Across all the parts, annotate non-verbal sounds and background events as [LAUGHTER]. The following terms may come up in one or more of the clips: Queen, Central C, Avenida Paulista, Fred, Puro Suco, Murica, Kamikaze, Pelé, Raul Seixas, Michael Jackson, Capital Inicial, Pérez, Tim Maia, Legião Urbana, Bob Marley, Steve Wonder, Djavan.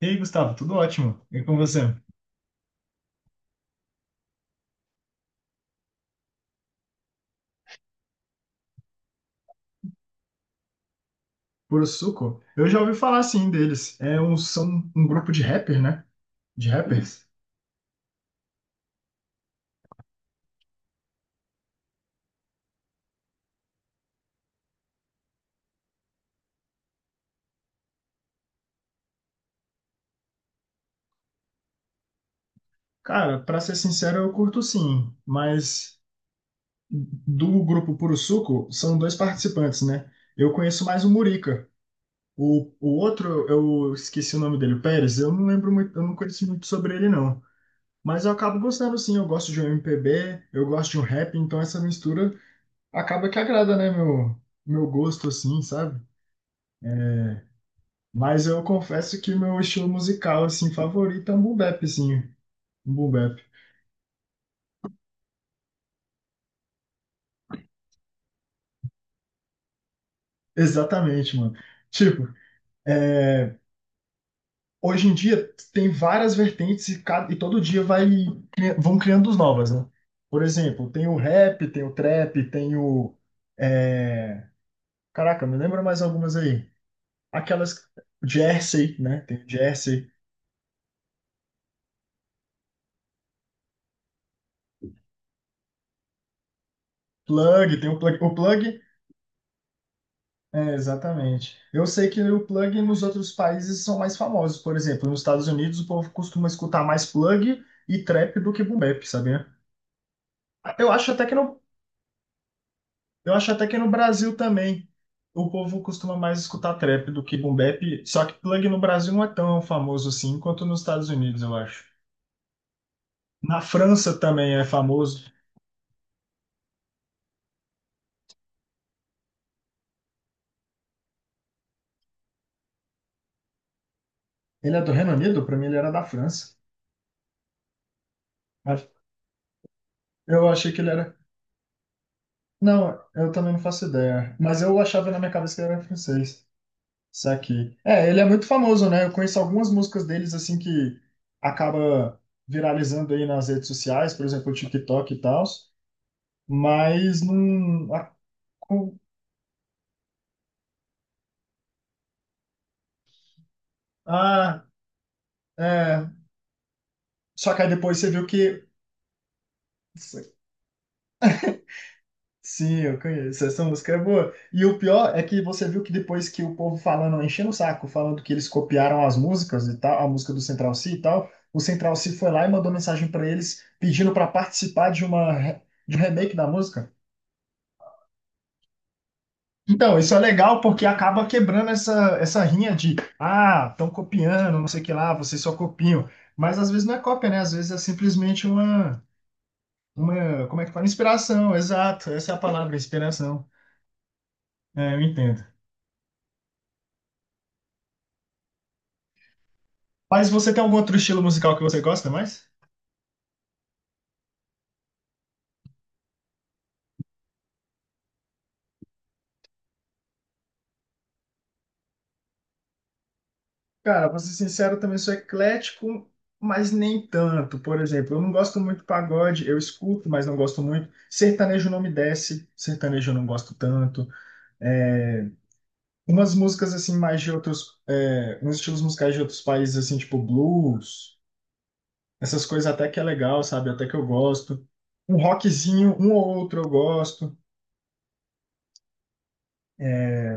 E aí, Gustavo, tudo ótimo? E com você? Puro Suco? Eu já ouvi falar sim deles. São um grupo de rapper, né? De rappers. Cara, pra ser sincero, eu curto sim, mas do grupo Puro Suco são dois participantes, né? Eu conheço mais o Murica. O outro, eu esqueci o nome dele, o Pérez, eu não lembro muito, eu não conheço muito sobre ele, não. Mas eu acabo gostando sim, eu gosto de um MPB, eu gosto de um rap, então essa mistura acaba que agrada, né, meu gosto, assim, sabe? Mas eu confesso que o meu estilo musical, assim, favorito é um boom bap, assim. Um boom bap. Exatamente, mano. Tipo, é, hoje em dia tem várias vertentes e, todo dia vai, vão criando as novas, né? Por exemplo, tem o rap, tem o trap, tem o... é, Caraca, me lembra mais algumas aí. Aquelas... Jersey, né? Tem o Jersey. Plug, tem o plug. O plug. É, exatamente. Eu sei que o plug nos outros países são mais famosos. Por exemplo, nos Estados Unidos o povo costuma escutar mais plug e trap do que boom bap, sabia? Eu acho até que no, eu acho até que no Brasil também o povo costuma mais escutar trap do que boom bap, só que plug no Brasil não é tão famoso assim quanto nos Estados Unidos, eu acho. Na França também é famoso. Ele é do Reino Unido? Pra mim ele era da França. Mas Eu achei que ele era. Não, eu também não faço ideia. Mas eu achava na minha cabeça que ele era francês. Saquei. É, ele é muito famoso, né? Eu conheço algumas músicas deles, assim, que acaba viralizando aí nas redes sociais, por exemplo, o TikTok e tal, mas não... com- ah, é... Só que aí depois você viu que... Sim, eu conheço, essa música é boa. E o pior é que você viu que depois que o povo falando, enchendo o saco, falando que eles copiaram as músicas e tal, a música do Central C e tal, o Central C foi lá e mandou mensagem pra eles pedindo pra participar de uma... De um remake da música. Então, isso é legal porque acaba quebrando essa rinha de, ah, estão copiando, não sei o que lá, vocês só copiam. Mas às vezes não é cópia, né? Às vezes é simplesmente como é que fala? Inspiração, exato. Essa é a palavra, inspiração. É, eu entendo. Mas você tem algum outro estilo musical que você gosta mais? Cara, pra ser sincero, eu também sou eclético, mas nem tanto. Por exemplo, eu não gosto muito de pagode, eu escuto, mas não gosto muito. Sertanejo não me desce, sertanejo eu não gosto tanto. Umas músicas assim mais de outros, uns estilos musicais de outros países assim, tipo blues, essas coisas até que é legal, sabe? Até que eu gosto. Um rockzinho, um ou outro eu gosto, é,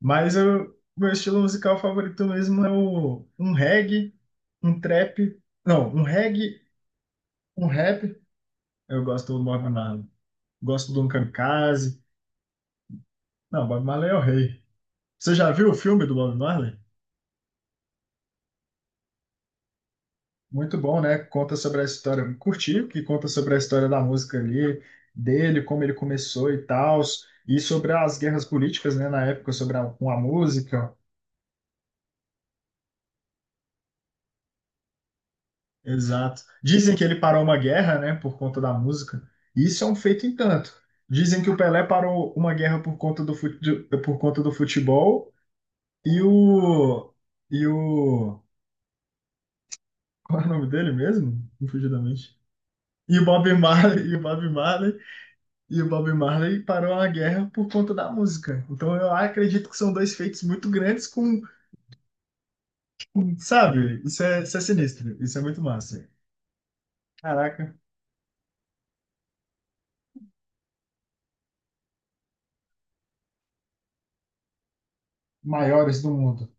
mas eu, meu estilo musical favorito mesmo é o, um reggae, um trap, não, um reggae, um rap. Eu gosto do Bob Marley. Gosto do um Kamikaze. Não, Bob Marley é o rei. Você já viu o filme do Bob Marley? Muito bom, né? Conta sobre a história. Curti, que conta sobre a história da música ali, dele, como ele começou e tal, e sobre as guerras políticas, né, na época, sobre a, com a música. Exato. Dizem que ele parou uma guerra, né, por conta da música. Isso é um feito em tanto. Dizem que o Pelé parou uma guerra por conta do, por conta do futebol e o. E o. [LAUGHS] Qual é o nome dele mesmo? Confundidamente. E o Bob Marley, e o Bob Marley parou a guerra por conta da música. Então eu acredito que são dois feitos muito grandes sabe? Isso é sinistro, isso é muito massa. Caraca, maiores do mundo.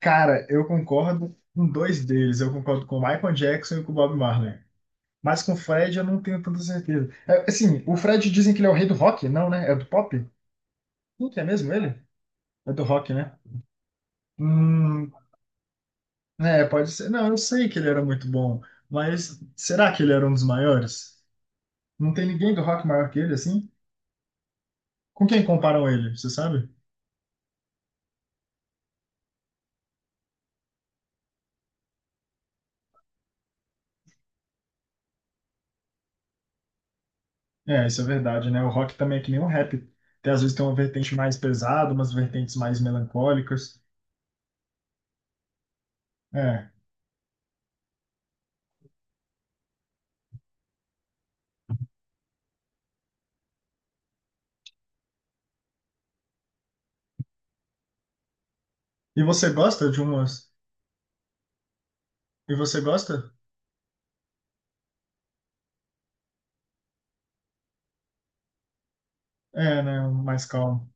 Cara, eu concordo com dois deles. Eu concordo com o Michael Jackson e com o Bob Marley. Mas com o Fred eu não tenho tanta certeza. É, assim, o Fred dizem que ele é o rei do rock, não, né? É do pop? Não, que é mesmo ele? É do rock, né? Hum, pode ser. Não, eu sei que ele era muito bom, mas será que ele era um dos maiores? Não tem ninguém do rock maior que ele, assim? Com quem comparam ele, você sabe? É, isso é verdade, né? O rock também é que nem o rap. Tem, às vezes tem uma vertente mais pesada, umas vertentes mais melancólicas. É. E você gosta de umas? E você gosta? É, né? Um mais calmo.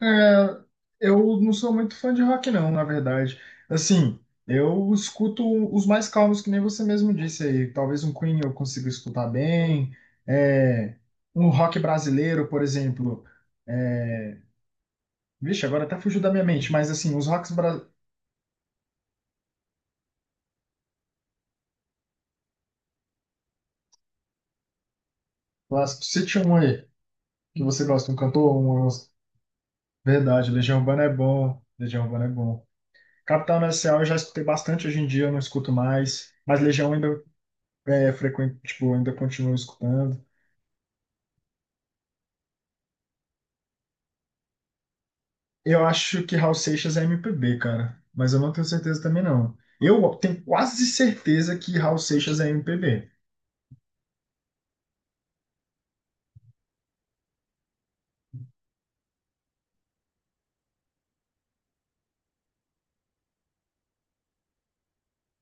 É, eu não sou muito fã de rock, não, na verdade. Assim, eu escuto os mais calmos, que nem você mesmo disse aí. Talvez um Queen eu consiga escutar bem. É, um rock brasileiro, por exemplo. É, Vixe, agora até fugiu da minha mente, mas assim, clássicos, cite um aí que você gosta, um cantor, Verdade, Legião Urbana é bom, Legião Urbana é bom. Capital Inicial eu já escutei bastante hoje em dia, eu não escuto mais, mas Legião ainda é frequente, tipo, ainda continuo escutando. Eu acho que Raul Seixas é MPB, cara, mas eu não tenho certeza também não. Eu tenho quase certeza que Raul Seixas é MPB.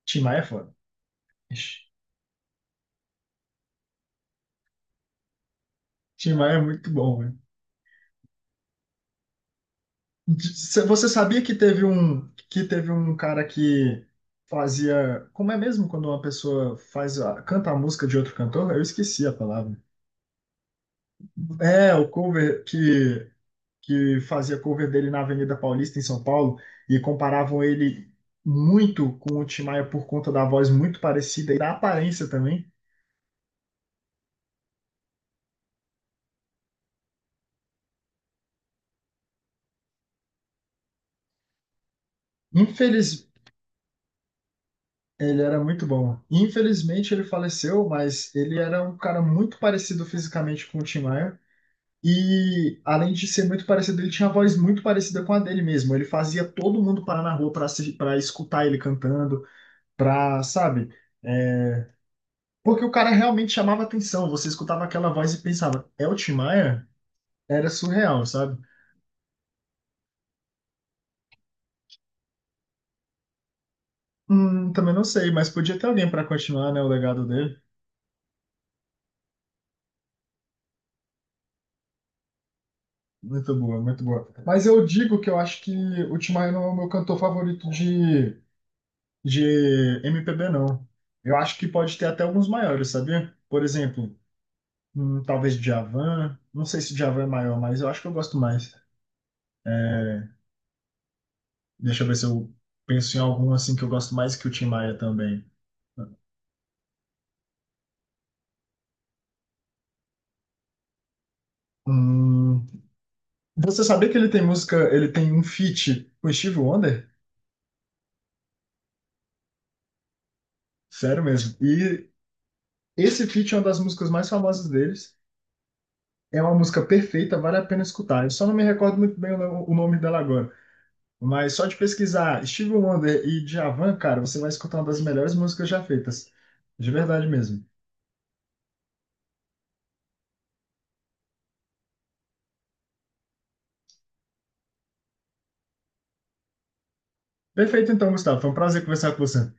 Tim Maia é foda. Ixi, Tim Maia é muito bom. Você sabia que teve um cara que fazia, como é mesmo quando uma pessoa faz canta a música de outro cantor? Eu esqueci a palavra. É, o cover que fazia cover dele na Avenida Paulista em São Paulo e comparavam ele muito com o Tim Maia por conta da voz muito parecida e da aparência também. Infeliz, ele era muito bom. Infelizmente ele faleceu, mas ele era um cara muito parecido fisicamente com o Tim Maia. E além de ser muito parecido, ele tinha a voz muito parecida com a dele mesmo. Ele fazia todo mundo parar na rua para escutar ele cantando, sabe? É, porque o cara realmente chamava atenção. Você escutava aquela voz e pensava, é o Tim Maia? Era surreal, sabe? Também não sei, mas podia ter alguém para continuar, né, o legado dele. Muito boa, muito boa. Mas eu digo que eu acho que o Tim Maia não é o meu cantor favorito de MPB, não. Eu acho que pode ter até alguns maiores, sabia? Por exemplo, hum, talvez Djavan. Não sei se Djavan é maior, mas eu acho que eu gosto mais. É, Deixa eu ver se eu penso em algum assim que eu gosto mais que o Tim Maia também. Hum, você sabia que ele tem música, ele tem um feat com o Steve Wonder? Sério mesmo. E esse feat é uma das músicas mais famosas deles. É uma música perfeita, vale a pena escutar. Eu só não me recordo muito bem o o nome dela agora. Mas só de pesquisar Steve Wonder e Djavan, cara, você vai escutar uma das melhores músicas já feitas. De verdade mesmo. Perfeito, então, Gustavo. Foi um prazer conversar com você.